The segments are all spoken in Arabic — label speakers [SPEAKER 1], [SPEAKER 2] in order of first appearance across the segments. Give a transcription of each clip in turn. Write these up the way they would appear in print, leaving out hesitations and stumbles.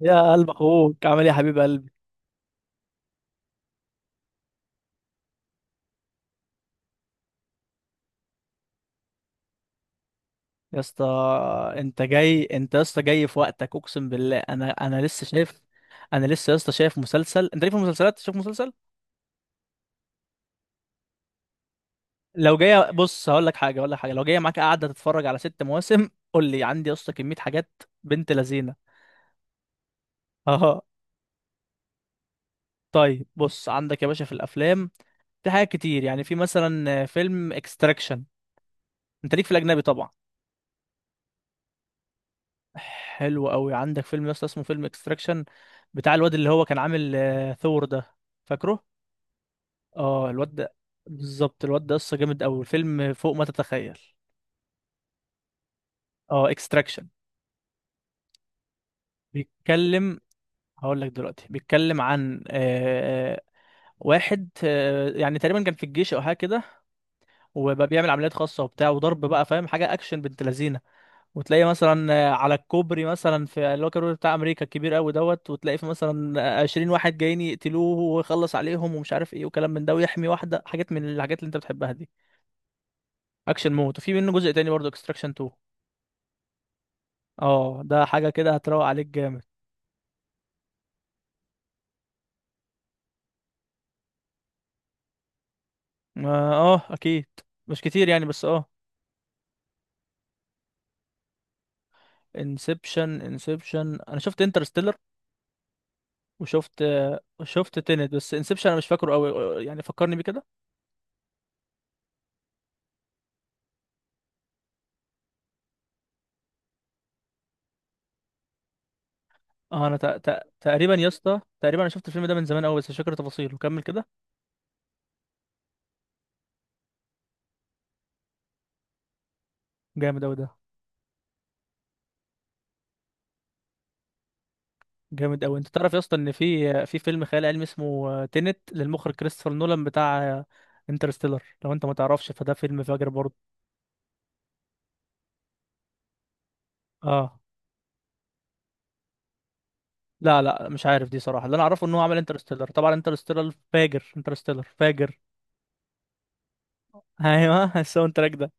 [SPEAKER 1] يا قلب اخوك عامل ايه يا حبيب قلبي؟ يا اسطى انت جاي، انت يا اسطى جاي في وقتك، اقسم بالله انا لسه شايف. انا لسه يا اسطى شايف مسلسل، انت ليه في المسلسلات؟ شايف مسلسل، لو جاي بص هقول لك حاجه، لو جاي معاك قاعده تتفرج على ست مواسم، قول لي. عندي يا اسطى كميه حاجات بنت لذينه. اه. طيب بص، عندك يا باشا في الافلام، في حاجات كتير، يعني في مثلا فيلم اكستراكشن، انت ليك في الاجنبي طبعا. حلو قوي. عندك فيلم يا اسطى اسمه فيلم اكستراكشن، بتاع الواد اللي هو كان عامل ثور ده، فاكره؟ اه الواد ده بالظبط، الواد ده قصه جامد قوي، الفيلم فوق ما تتخيل. اه اكستراكشن. بيتكلم، هقول لك دلوقتي، بيتكلم عن واحد، يعني تقريبا كان في الجيش او حاجه كده، وبقى بيعمل عمليات خاصه وبتاع وضرب بقى، فاهم؟ حاجه اكشن بنت لذينه، وتلاقي مثلا على الكوبري، مثلا في اللي هو الكوبري بتاع امريكا الكبير قوي دوت، وتلاقي في مثلا عشرين واحد جايين يقتلوه ويخلص عليهم ومش عارف ايه وكلام من ده، ويحمي واحده، حاجات من الحاجات اللي انت بتحبها دي. اكشن مود، وفي منه جزء تاني برضه، اكستراكشن 2. اه ده حاجه كده هتروق عليك جامد. اه، اكيد، مش كتير يعني، بس اه. انسبشن، انسبشن، انا شفت انترستيلر، وشفت، شفت تينت، بس انسبشن انا مش فاكره قوي، يعني فكرني بيه كده. اه انا تقريبا يا اسطى، تقريبا انا شفت الفيلم ده من زمان قوي، بس مش فاكر تفاصيله. كمل كده. جامد قوي ده. جامد قوي. انت تعرف يا اسطى ان في فيلم خيال علمي اسمه تينت، للمخرج كريستوفر نولان بتاع انترستيلر، لو انت ما تعرفش فده فيلم فاجر برضه. اه. لا لا مش عارف دي صراحه، اللي انا اعرفه ان هو عمل انترستيلر، طبعا انترستيلر فاجر، انترستيلر فاجر. ايوه الساوند تراك ده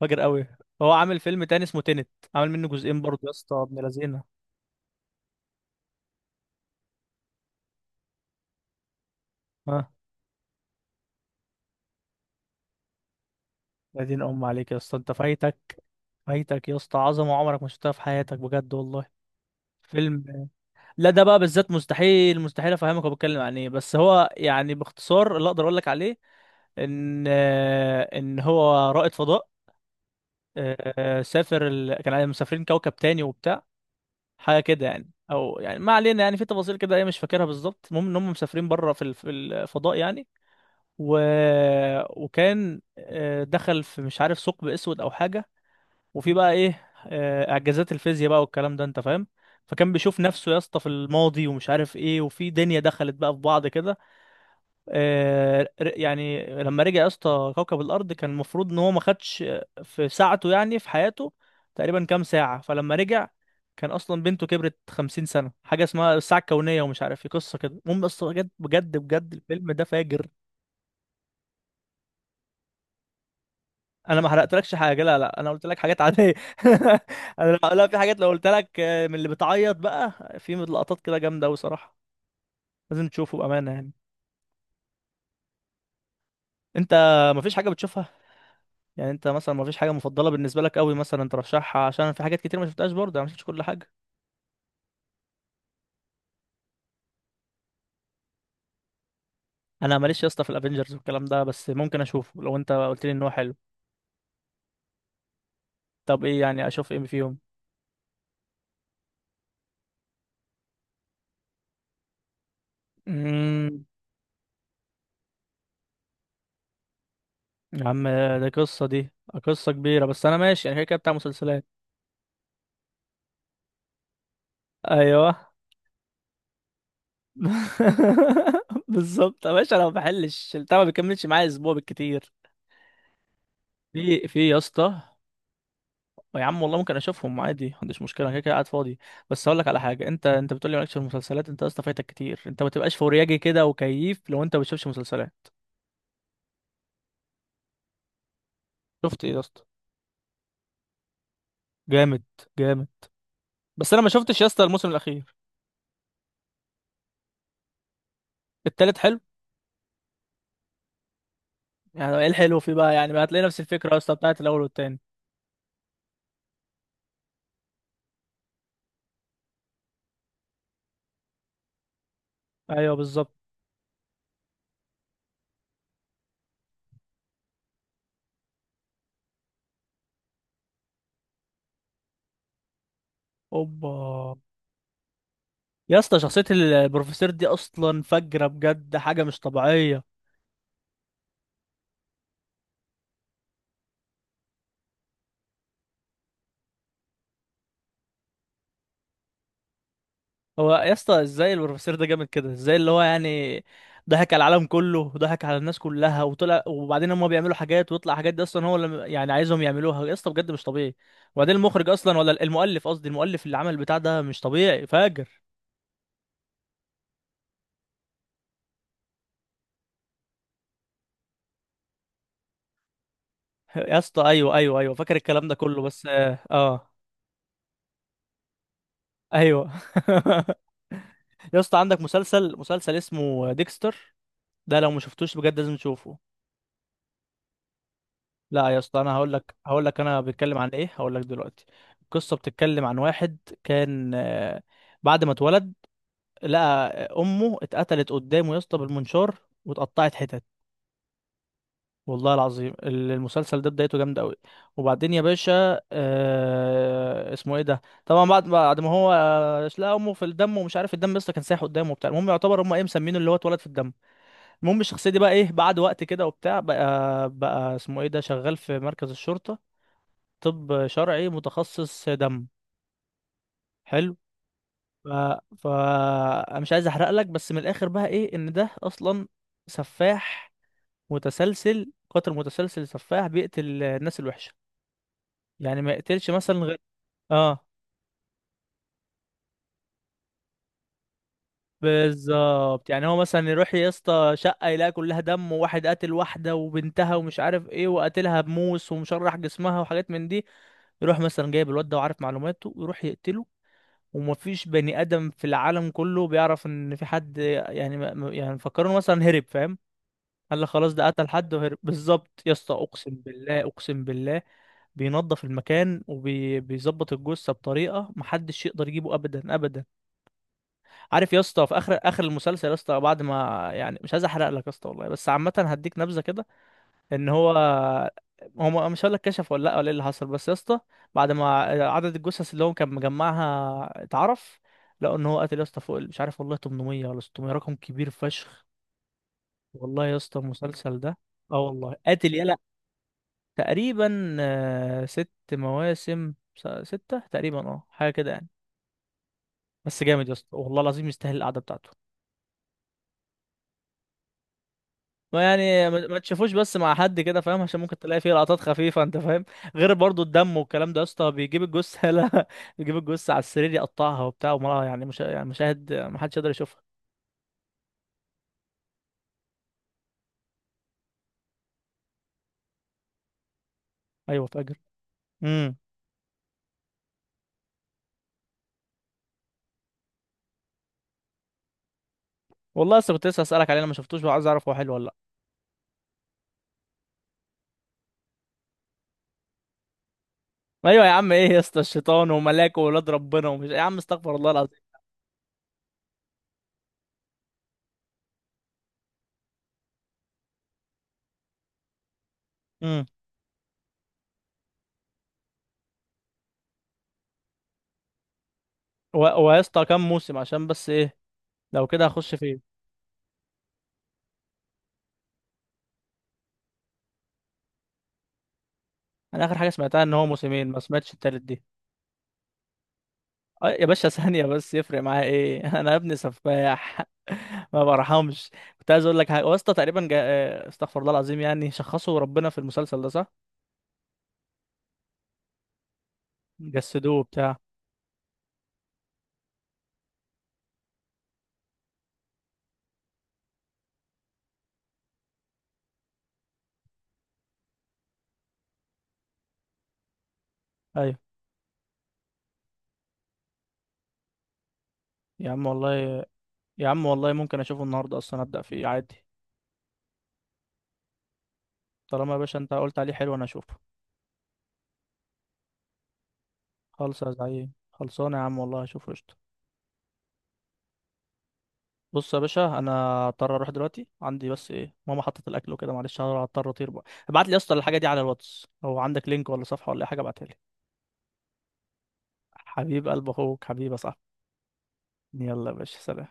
[SPEAKER 1] فاجر قوي. هو عامل فيلم تاني اسمه تينت، عامل منه جزئين برضه يا اسطى ابن لذينه. اه. يا دين ام عليك يا اسطى، انت فايتك، فايتك يا اسطى عظمه عمرك ما شفتها في حياتك بجد والله. فيلم، لا ده بقى بالذات مستحيل، مستحيل افهمك هو بيتكلم عن ايه، بس هو يعني باختصار اللي اقدر اقول لك عليه ان، ان هو رائد فضاء. سافر كان مسافرين كوكب تاني وبتاع، حاجه كده يعني، او يعني ما علينا يعني، في تفاصيل كده ايه مش فاكرها بالظبط، المهم ان هم مسافرين بره في في الفضاء يعني. و... وكان دخل في مش عارف ثقب اسود او حاجه، وفي بقى ايه اعجازات الفيزياء بقى والكلام ده انت فاهم، فكان بيشوف نفسه يا اسطى في الماضي ومش عارف ايه، وفي دنيا دخلت بقى في بعض كده. يعني لما رجع يا اسطى كوكب الارض، كان المفروض ان هو ما خدش في ساعته يعني في حياته تقريبا كام ساعة، فلما رجع كان اصلا بنته كبرت 50 سنة، حاجة اسمها الساعة الكونية ومش عارف ايه قصة كده. المهم يا اسطى بجد بجد بجد الفيلم ده فاجر. انا ما حرقتلكش حاجه، لا لا انا قلت لك حاجات عاديه انا لا في حاجات لو قلت لك من اللي بتعيط بقى. في لقطات كده جامده قوي صراحه، لازم تشوفه بامانه يعني. انت ما فيش حاجه بتشوفها؟ يعني انت مثلا ما فيش حاجه مفضله بالنسبه لك قوي مثلا ترشحها، عشان في حاجات كتير ما شفتهاش برضه، انا ما شفتش كل حاجه. انا ماليش يا اسطى في الافينجرز والكلام ده، بس ممكن اشوفه لو انت قلت لي ان هو حلو. طب ايه يعني اشوف ايه فيهم؟ امم. يا عم ده قصه دي، قصه كبيره، بس انا ماشي يعني كده كده بتاع مسلسلات. ايوه بالظبط يا باشا، انا ما بحلش البتاع، ما بيكملش معايا اسبوع بالكتير. في يا اسطى، يا عم والله ممكن اشوفهم عادي، ما عنديش مشكله، انا كده كده قاعد فاضي. بس اقول لك على حاجه، انت بتقول لي مالكش في المسلسلات، انت يا اسطى فايتك كتير، انت ما تبقاش فورياجي كده، وكيف لو انت ما بتشوفش مسلسلات. شفت ايه يا اسطى؟ جامد، جامد، بس انا ما شفتش يا اسطى الموسم الاخير. التالت حلو. يعني ايه الحلو فيه بقى؟ يعني هتلاقي نفس الفكره يا اسطى بتاعت الاول والتاني. ايوه بالظبط. اوبا. يا اسطى شخصية البروفيسور دي أصلا فجرة، بجد حاجة مش طبيعية. هو يا اسطى ازاي البروفيسور ده جامد كده، ازاي اللي هو يعني ضحك على العالم كله وضحك على الناس كلها وطلع، وبعدين هم بيعملوا حاجات ويطلع حاجات دي أصلا هو اللي يعني عايزهم يعملوها، يا اسطى بجد مش طبيعي. وبعدين المخرج أصلا، ولا المؤلف، قصدي المؤلف اللي عمل البتاع ده مش طبيعي فاجر. يا اسطى أيوه أيوه أيوه فاكر الكلام ده كله، بس أيوه يا اسطى عندك مسلسل، مسلسل اسمه ديكستر، ده لو ما شفتوش بجد لازم تشوفه. لا يا اسطى انا هقول لك، انا بتكلم عن ايه، هقول لك دلوقتي. القصه بتتكلم عن واحد، كان بعد ما اتولد لقى امه اتقتلت قدامه يا اسطى بالمنشار، واتقطعت حتت. والله العظيم المسلسل ده بدايته جامده قوي. وبعدين يا باشا آه اسمه ايه ده، طبعا بعد ما هو لقى امه في الدم، ومش عارف الدم لسه كان سايح قدامه وبتاع، المهم يعتبر هم ايه مسمينه اللي هو اتولد في الدم. المهم الشخصيه دي بقى ايه بعد وقت كده وبتاع، بقى اسمه ايه ده، شغال في مركز الشرطه، طب شرعي متخصص دم. حلو. ف... ف انا مش عايز احرق لك، بس من الاخر بقى ايه ان ده اصلا سفاح متسلسل، قاتل متسلسل، سفاح بيقتل الناس الوحشه، يعني ما يقتلش مثلا غير. اه بالظبط. يعني هو مثلا يروح يا اسطى شقه، يلاقي كلها دم وواحد قاتل واحده وبنتها ومش عارف ايه وقاتلها بموس ومشرح جسمها وحاجات من دي، يروح مثلا جايب الواد ده وعارف معلوماته ويروح يقتله. ومفيش بني ادم في العالم كله بيعرف ان في حد يعني يعني فكروا مثلا هرب، فاهم؟ قال لك خلاص ده قتل حد وهرب. بالظبط يا اسطى، اقسم بالله اقسم بالله. بينظف المكان وبيظبط الجثه بطريقه محدش يقدر يجيبه ابدا ابدا. عارف يا اسطى في اخر المسلسل يا اسطى، بعد ما يعني مش عايز احرق لك يا اسطى والله، بس عامه هديك نبذه كده ان هو، هم مش هقول لك كشف ولا لا ولا ايه اللي حصل، بس يا اسطى بعد ما عدد الجثث اللي هو كان مجمعها اتعرف، لقوا ان هو قتل يا اسطى فوق مش عارف والله 800 ولا 600، رقم كبير فشخ. والله يا اسطى المسلسل ده، اه والله قاتل يلا. تقريبا ست مواسم، ستة تقريبا اه، حاجة كده يعني، بس جامد يا اسطى والله العظيم، يستاهل القعدة بتاعته. ما يعني ما تشوفوش بس مع حد كده، فاهم؟ عشان ممكن تلاقي فيه لقطات خفيفة انت فاهم، غير برضو الدم والكلام ده، يا اسطى بيجيب الجثة لا بيجيب الجثة على السرير يقطعها وبتاع، وما يعني مش يعني مشاهد ما حدش يقدر يشوفها. ايوه فاجر. امم. والله لسه كنت اسالك عليه، انا ما شفتوش، وعايز اعرف هو حلو ولا لا. ايوه يا عم، ايه يا اسطى الشيطان وملاك وولاد ربنا ومش، يا عم استغفر الله العظيم. امم. ويا اسطى كام موسم؟ عشان بس ايه، لو كده هخش فيه. انا اخر حاجة سمعتها ان هو موسمين، ما سمعتش التالت دي. يا باشا ثانية بس، يفرق معايا ايه انا يا ابني سفاح ما برحمش. كنت عايز اقول لك حاجة واسطى تقريبا جا... آه، استغفر الله العظيم، يعني شخصوا ربنا في المسلسل ده صح؟ جسدوه بتاع. ايوه يا عم والله، يا عم والله ممكن اشوفه النهاردة اصلا، ابدأ فيه عادي. طالما يا باشا انت قلت عليه حلو انا اشوفه. خلص يا زعيم، خلصانه يا عم والله اشوفه قشطة. بص يا باشا انا اضطر اروح دلوقتي، عندي بس ايه ماما حطت الاكل وكده، معلش هضطر اطير بقى. ابعت لي يا اسطى الحاجة دي على الواتس، هو عندك لينك ولا صفحة ولا أي حاجة ابعتها لي. حبيب قلب اخوك حبيب يا صاحبي. يلا يا باشا سلام.